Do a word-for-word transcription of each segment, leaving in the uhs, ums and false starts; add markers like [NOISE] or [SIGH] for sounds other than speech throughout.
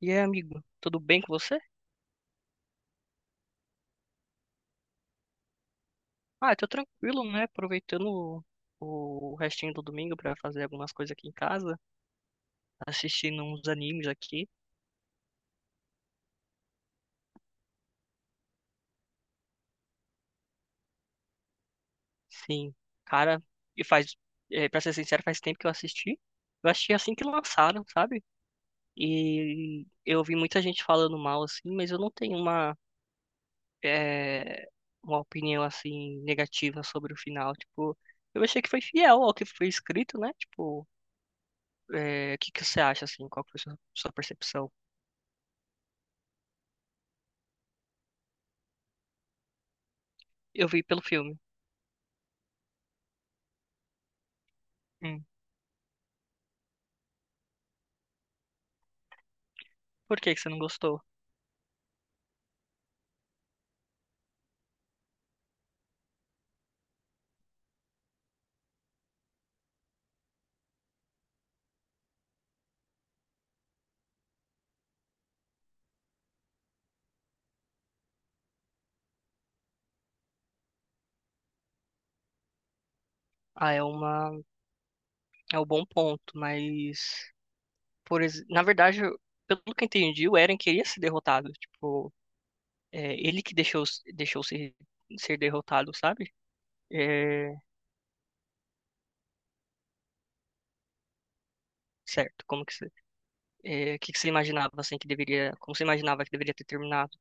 E aí, amigo, tudo bem com você? Ah, tô tranquilo, né? Aproveitando o, o restinho do domingo pra fazer algumas coisas aqui em casa, assistindo uns animes aqui. Sim, cara, e faz, é, pra ser sincero, faz tempo que eu assisti. Eu achei assim que lançaram, sabe? E eu ouvi muita gente falando mal assim, mas eu não tenho uma, é, uma opinião assim negativa sobre o final. Tipo, eu achei que foi fiel ao que foi escrito, né? Tipo, é, o que que você acha assim? Qual foi a sua sua percepção? Eu vi pelo filme. Hum. Por que que você não gostou? Ah, é uma, é um bom ponto, mas por, ex- na verdade, eu- pelo que eu entendi, o Eren queria ser derrotado, tipo, é, ele que deixou deixou ser ser derrotado, sabe? É, certo, como que você, é, que que você imaginava assim que deveria, como você imaginava que deveria ter terminado?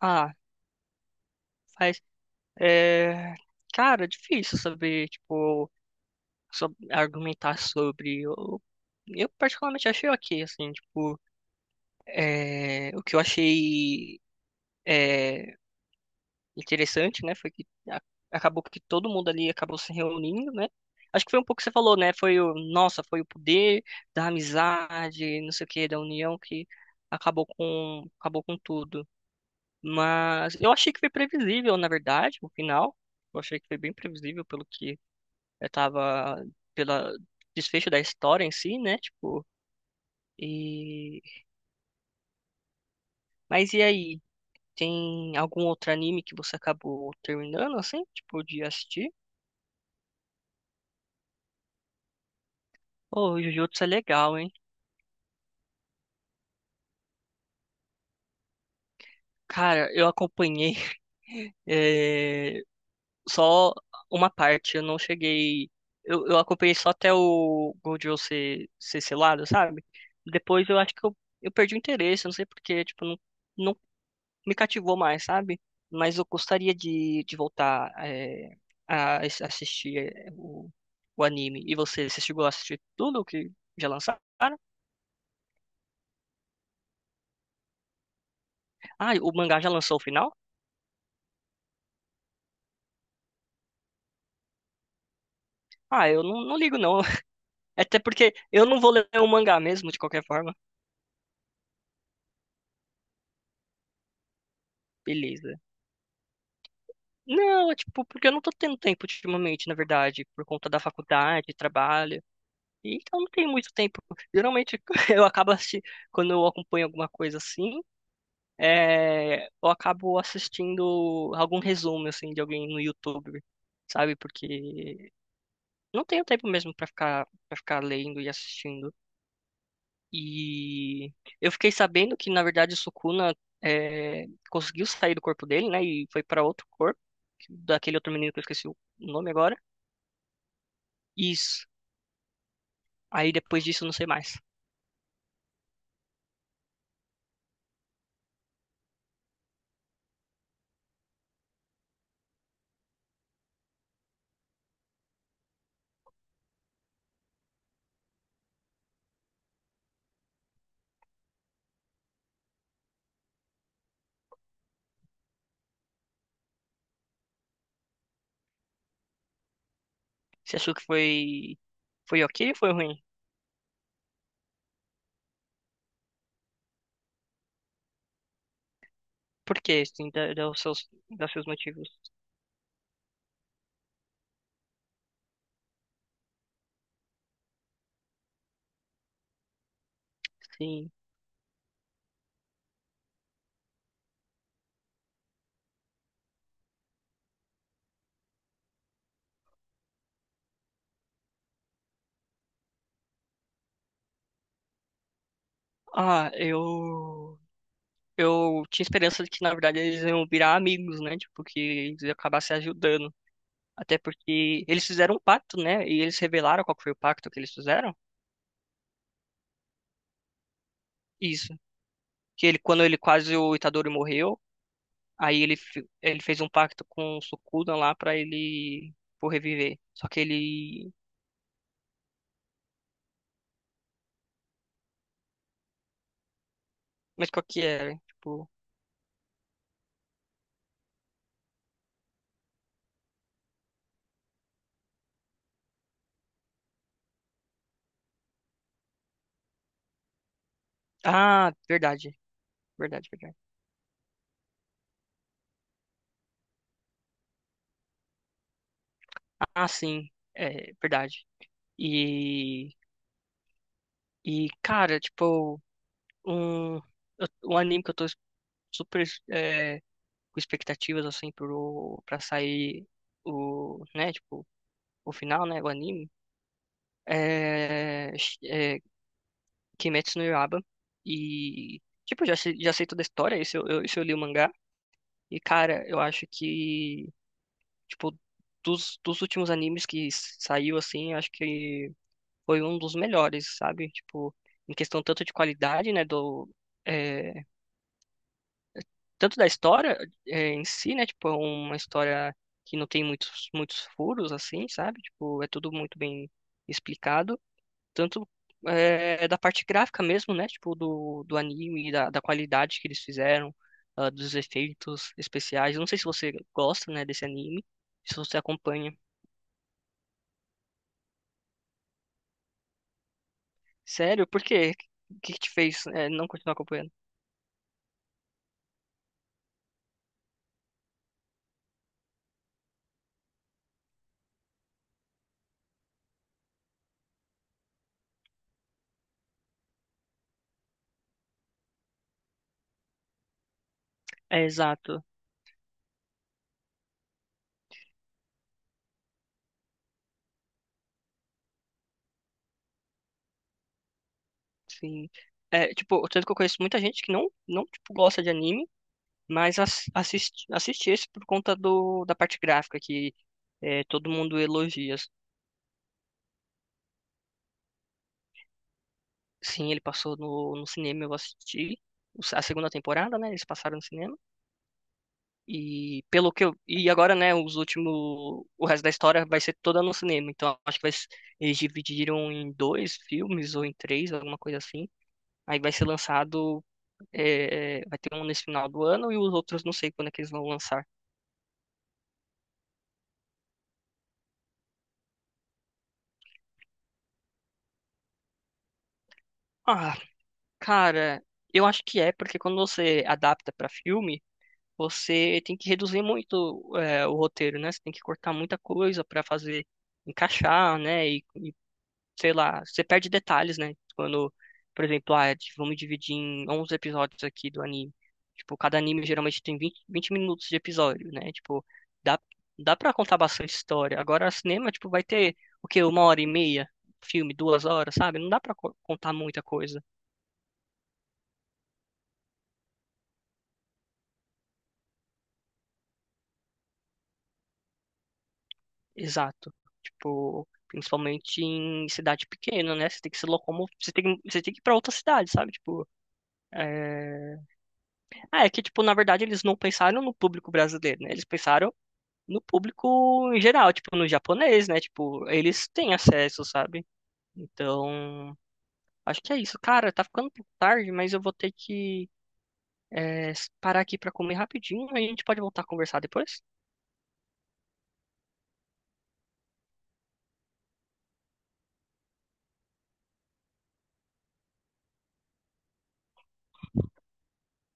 Ah, faz, é, cara, é difícil saber, tipo, só argumentar sobre. Eu, eu particularmente achei ok, assim, tipo. É, o que eu achei é, interessante, né, foi que a- acabou que todo mundo ali acabou se reunindo, né? Acho que foi um pouco que você falou, né? Foi o, nossa, foi o poder da amizade, não sei o quê, da união que acabou com, acabou com tudo. Mas eu achei que foi previsível, na verdade, no final. Eu achei que foi bem previsível pelo que eu tava, pela desfecho da história em si, né? Tipo, e mas e aí? Tem algum outro anime que você acabou terminando, assim? Tipo, de assistir? Ô, o Jujutsu é legal, hein? Cara, eu acompanhei [LAUGHS] eh, só uma parte. Eu não cheguei. Eu, eu acompanhei só até o Gojo ser, ser selado, sabe? Depois eu acho que eu, eu perdi o interesse. Eu não sei porque, tipo, não, não me cativou mais, sabe? Mas eu gostaria de, de voltar eh, a ass- assistir eh, o, o anime. E você, você chegou a assistir tudo que já lançaram? Ah, o mangá já lançou o final? Ah, eu não, não ligo não. [LAUGHS] Até porque eu não vou ler o mangá mesmo, de qualquer forma. Beleza. Não, é tipo, porque eu não tô tendo tempo ultimamente, na verdade, por conta da faculdade, trabalho. E então não tenho muito tempo. Geralmente [LAUGHS] eu acabo assistindo, quando eu acompanho alguma coisa assim, é, eu acabo assistindo algum resumo, assim, de alguém no YouTube, sabe? Porque não tenho tempo mesmo pra ficar, para ficar lendo e assistindo. E eu fiquei sabendo que, na verdade, o Sukuna é, conseguiu sair do corpo dele, né? E foi para outro corpo, daquele outro menino que eu esqueci o nome agora. Isso. Aí depois disso, eu não sei mais. Você achou que foi, foi ok ou foi ruim? Por quê? Assim, da, da, os seus, dá os seus motivos. Sim. Ah, eu. Eu tinha esperança de que, na verdade, eles iam virar amigos, né? Tipo, que eles iam acabar se ajudando. Até porque eles fizeram um pacto, né? E eles revelaram qual que foi o pacto que eles fizeram. Isso. Que ele, quando ele quase o Itadori morreu, aí ele, fe- ele fez um pacto com o Sukudan lá pra ele por reviver. Só que ele. Mas qual que era? Tipo. Ah, verdade. Verdade, verdade. Ah, sim. É, verdade. E. E, cara, tipo, um, eu- um anime que eu tô super é, com expectativas, assim, pro, pra sair o, né, tipo, o final, né, o anime. É, é Kimetsu no Yaiba. E, tipo, eu já sei, já sei toda a história, isso eu, eu- isso eu li o mangá. E, cara, eu acho que, tipo, dos, dos últimos animes que s- saiu, assim, eu acho que foi um dos melhores, sabe? Tipo, em questão tanto de qualidade, né, do... é, tanto da história é, em si, né? Tipo, é uma história que não tem muitos, muitos furos, assim, sabe? Tipo, é tudo muito bem explicado. Tanto é, da parte gráfica mesmo, né? Tipo, do, do anime, da, da qualidade que eles fizeram, ah, dos efeitos especiais. Eu não sei se você gosta, né, desse anime, se você acompanha. Sério? Por quê? O que que te fez é, não continuar acompanhando? É, exato, sim. É, tipo, tanto que eu conheço muita gente que não, não tipo, gosta de anime, mas as- assiste, assiste esse por conta do, da parte gráfica, que é, todo mundo elogia. Sim, ele passou no, no cinema, eu assisti o- a segunda temporada, né? Eles passaram no cinema. E pelo que eu, e agora, né, os últimos, o resto da história vai ser toda no cinema. Então acho que vai, s- eles dividiram em dois filmes ou em três, alguma coisa assim. Aí vai ser lançado, é, vai ter um nesse final do ano e os outros não sei quando é que eles vão lançar. Ah, cara, eu acho que é porque quando você adapta pra filme você tem que reduzir muito é, o roteiro, né? Você tem que cortar muita coisa para fazer encaixar, né? E, e, sei lá, você perde detalhes, né? Quando, por exemplo, ah, de- vamos dividir em onze episódios aqui do anime. Tipo, cada anime geralmente tem 20, vinte minutos de episódio, né? Tipo, dá, dá para contar bastante história. Agora, cinema, tipo, vai ter o quê? Uma hora e meia? Filme, duas horas, sabe? Não dá para contar muita coisa. Exato. Tipo, principalmente em cidade pequena, né? Você tem que se locomover, você tem, você tem que ir pra outra cidade, sabe? Tipo, é... Ah, é que, tipo, na verdade eles não pensaram no público brasileiro, né? Eles pensaram no público em geral, tipo, no japonês, né? Tipo, eles têm acesso, sabe? Então, acho que é isso. Cara, tá ficando um pouco tarde, mas eu vou ter que é, parar aqui pra comer rapidinho, aí a gente pode voltar a conversar depois.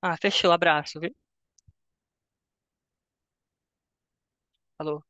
Ah, fechou, abraço, viu? Falou.